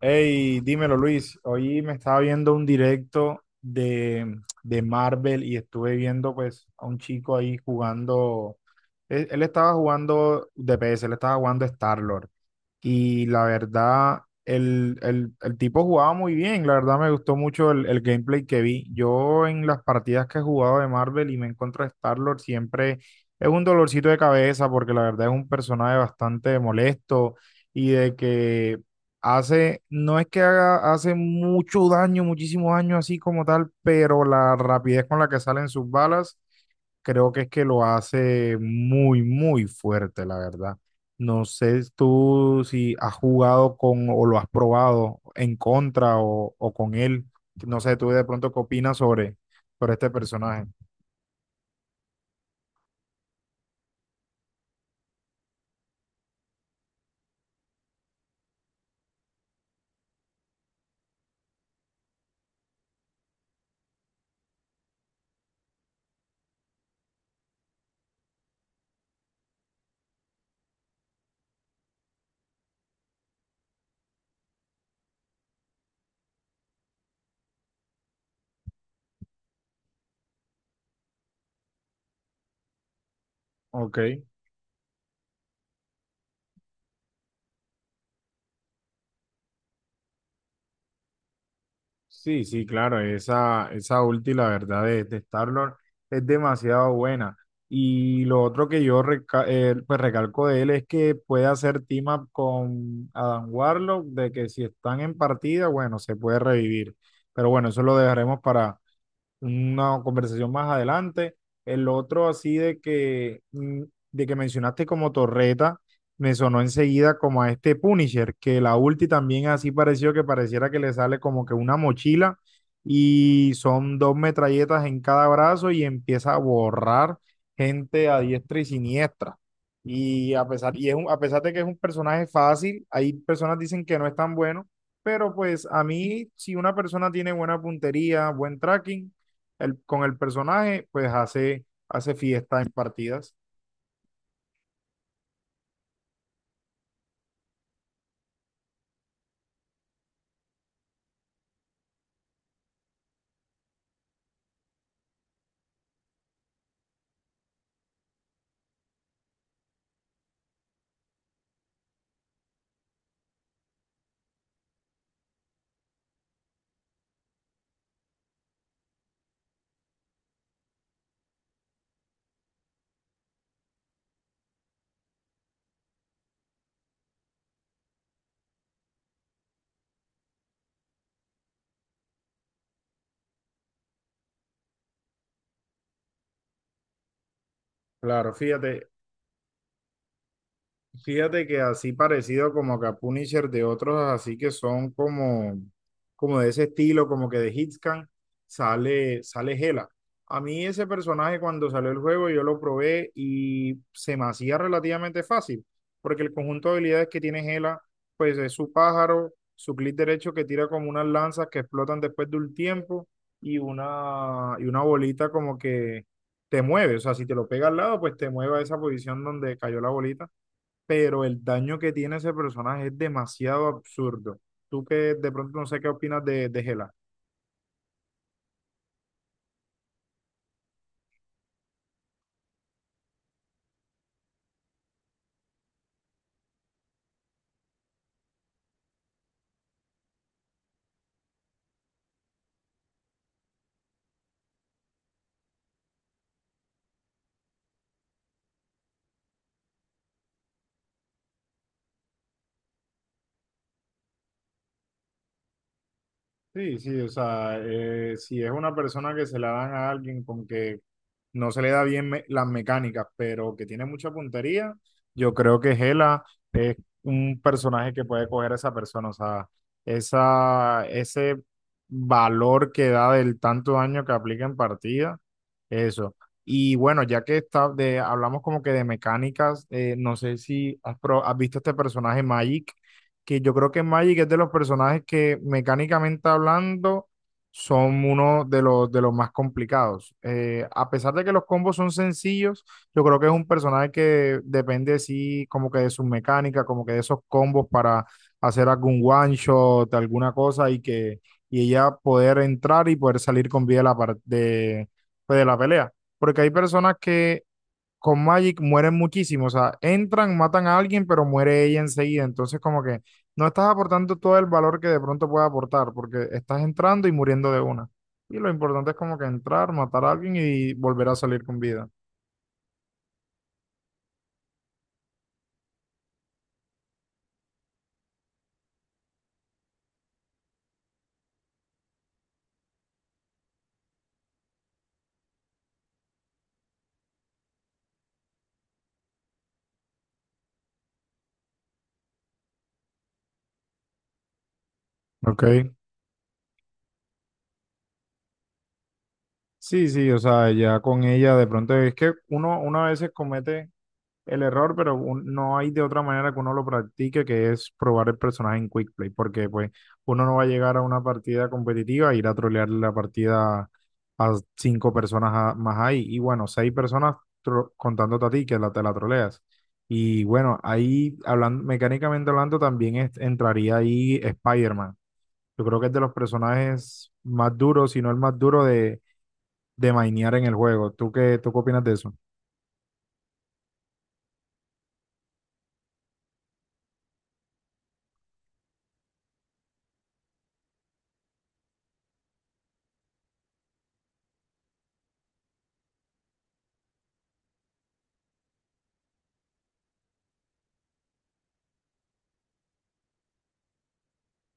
Hey, dímelo Luis. Hoy me estaba viendo un directo de Marvel y estuve viendo, pues, a un chico ahí jugando, él estaba jugando DPS, él estaba jugando Star-Lord. Y la verdad el tipo jugaba muy bien, la verdad me gustó mucho el gameplay que vi. Yo, en las partidas que he jugado de Marvel y me encuentro a Star-Lord, siempre es un dolorcito de cabeza porque la verdad es un personaje bastante molesto. Y de que Hace, no es que haga, hace mucho daño, muchísimos años así como tal, pero la rapidez con la que salen sus balas, creo que es que lo hace muy, muy fuerte, la verdad. No sé tú si has jugado con o lo has probado en contra, o con él. No sé tú de pronto qué opinas sobre este personaje. Ok. Sí, sí, claro, esa ulti, la verdad, de Star-Lord es demasiado buena. Y lo otro que yo pues recalco de él es que puede hacer team up con Adam Warlock, de que si están en partida, bueno, se puede revivir. Pero bueno, eso lo dejaremos para una conversación más adelante. El otro así de que mencionaste como torreta, me sonó enseguida como a este Punisher, que la ulti también así pareció que pareciera que le sale como que una mochila y son dos metralletas en cada brazo y empieza a borrar gente a diestra y siniestra. Y a pesar, a pesar de que es un personaje fácil, hay personas dicen que no es tan bueno, pero pues a mí, si una persona tiene buena puntería, buen tracking, con el personaje, pues hace fiesta en partidas. Claro. Fíjate que así parecido como que a Punisher de otros, así que son como de ese estilo, como que de Hitscan, sale Hela. A mí ese personaje, cuando salió el juego, yo lo probé y se me hacía relativamente fácil, porque el conjunto de habilidades que tiene Hela, pues es su pájaro, su clic derecho que tira como unas lanzas que explotan después de un tiempo y una bolita como que te mueve. O sea, si te lo pega al lado, pues te mueve a esa posición donde cayó la bolita. Pero el daño que tiene ese personaje es demasiado absurdo. Tú que de pronto, no sé qué opinas de Hela. Sí, sí, o sea, si es una persona que se la dan a alguien con que no se le da bien las mecánicas, pero que tiene mucha puntería, yo creo que Gela es un personaje que puede coger a esa persona. O sea, ese valor que da del tanto daño que aplica en partida, eso. Y bueno, ya que hablamos como que de mecánicas, no sé si has visto este personaje Magic, que yo creo que Magic es de los personajes que, mecánicamente hablando, son uno de los más complicados. A pesar de que los combos son sencillos, yo creo que es un personaje que depende sí, como que de su mecánica, como que de esos combos para hacer algún one shot, alguna cosa, y que y ella poder entrar y poder salir con vida de la, par- de, pues, de la pelea. Porque hay personas que con Magic mueren muchísimos, o sea, entran, matan a alguien, pero muere ella enseguida, entonces como que no estás aportando todo el valor que de pronto puede aportar, porque estás entrando y muriendo de una. Y lo importante es como que entrar, matar a alguien y volver a salir con vida. Ok. Sí, sí, o sea, ya con ella, de pronto es que uno a veces comete el error. Pero no hay de otra manera que uno lo practique, que es probar el personaje en Quick Play, porque pues uno no va a llegar a una partida competitiva e ir a trolear la partida a cinco personas más ahí, y bueno, seis personas contándote a ti, que te la troleas. Y bueno, ahí hablando, mecánicamente hablando, también entraría ahí Spider-Man. Yo creo que es de los personajes más duros, si no el más duro, de mainear en el juego. ¿Tú qué opinas de eso?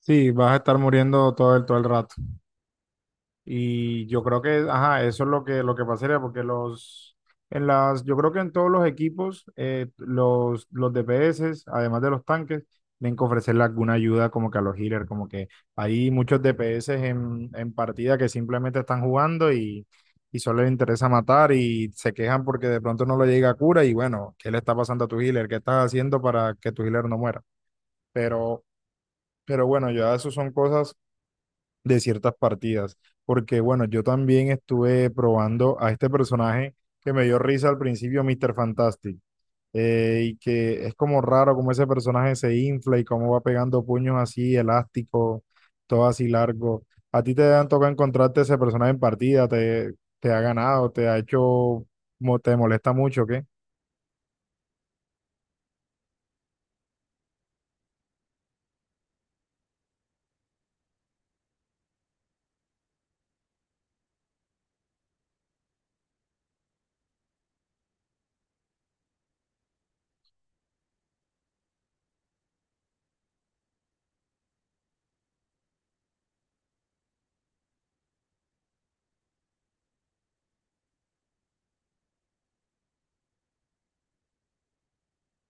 Sí, vas a estar muriendo todo el rato. Y yo creo que, ajá, eso es lo que pasaría, porque yo creo que en todos los equipos, los DPS, además de los tanques, tienen que ofrecerle alguna ayuda como que a los healers. Como que hay muchos DPS en partida que simplemente están jugando y solo les interesa matar y se quejan porque de pronto no lo llega cura. Y bueno, ¿qué le está pasando a tu healer? ¿Qué estás haciendo para que tu healer no muera? Pero, pero bueno, ya eso son cosas de ciertas partidas. Porque bueno, yo también estuve probando a este personaje que me dio risa al principio, Mr. Fantastic. Y que es como raro como ese personaje se infla y cómo va pegando puños así elásticos, todo así largo. ¿A ti te han tocado encontrarte ese personaje en partida? ¿Te ha ganado? ¿Te ha hecho, te molesta mucho? ¿O qué?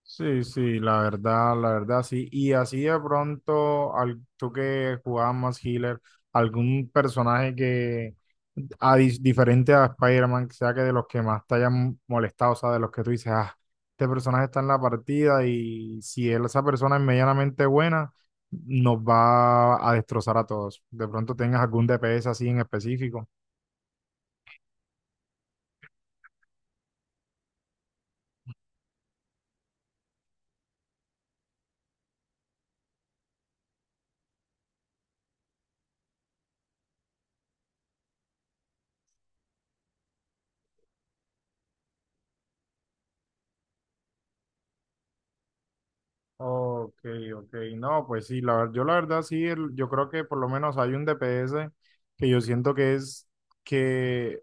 Sí, sí, la verdad, sí. Y así de pronto, tú que jugabas más healer, algún personaje que diferente a Spider-Man, que sea que de los que más te hayan molestado, o sea, de los que tú dices, ah, este personaje está en la partida y, si él, esa persona es medianamente buena, nos va a destrozar a todos. De pronto tengas algún DPS así en específico. Ok, ok. No, pues sí, yo la verdad sí, yo creo que por lo menos hay un DPS que yo siento que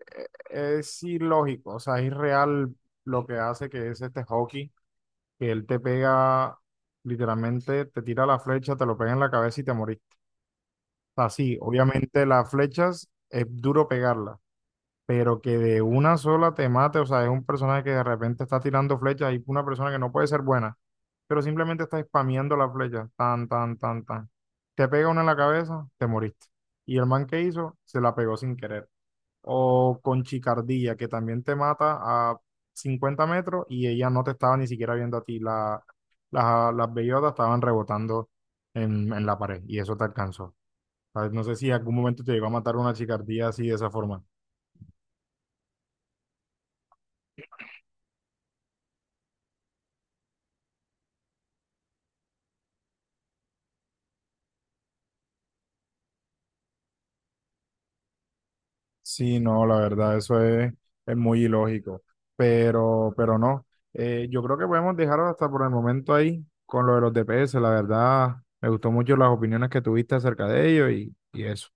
es ilógico. O sea, es irreal lo que hace, que es este hockey, que él te pega. Literalmente, te tira la flecha, te lo pega en la cabeza y te moriste. Así, obviamente, las flechas es duro pegarlas, pero que de una sola te mate. O sea, es un personaje que de repente está tirando flechas y una persona que no puede ser buena, pero simplemente está spameando las flechas, tan, tan, tan, tan. Te pega una en la cabeza, te moriste. Y el man que hizo, se la pegó sin querer o con chicardía, que también te mata a 50 metros y ella no te estaba ni siquiera viendo a ti. Las bellotas estaban rebotando en la pared y eso te alcanzó. ¿Sabes? No sé si en algún momento te llegó a matar una chicardía así de esa forma. Sí, no, la verdad, eso es muy ilógico. Pero no. Yo creo que podemos dejarlo hasta por el momento ahí con lo de los DPS. La verdad, me gustó mucho las opiniones que tuviste acerca de ello, y eso.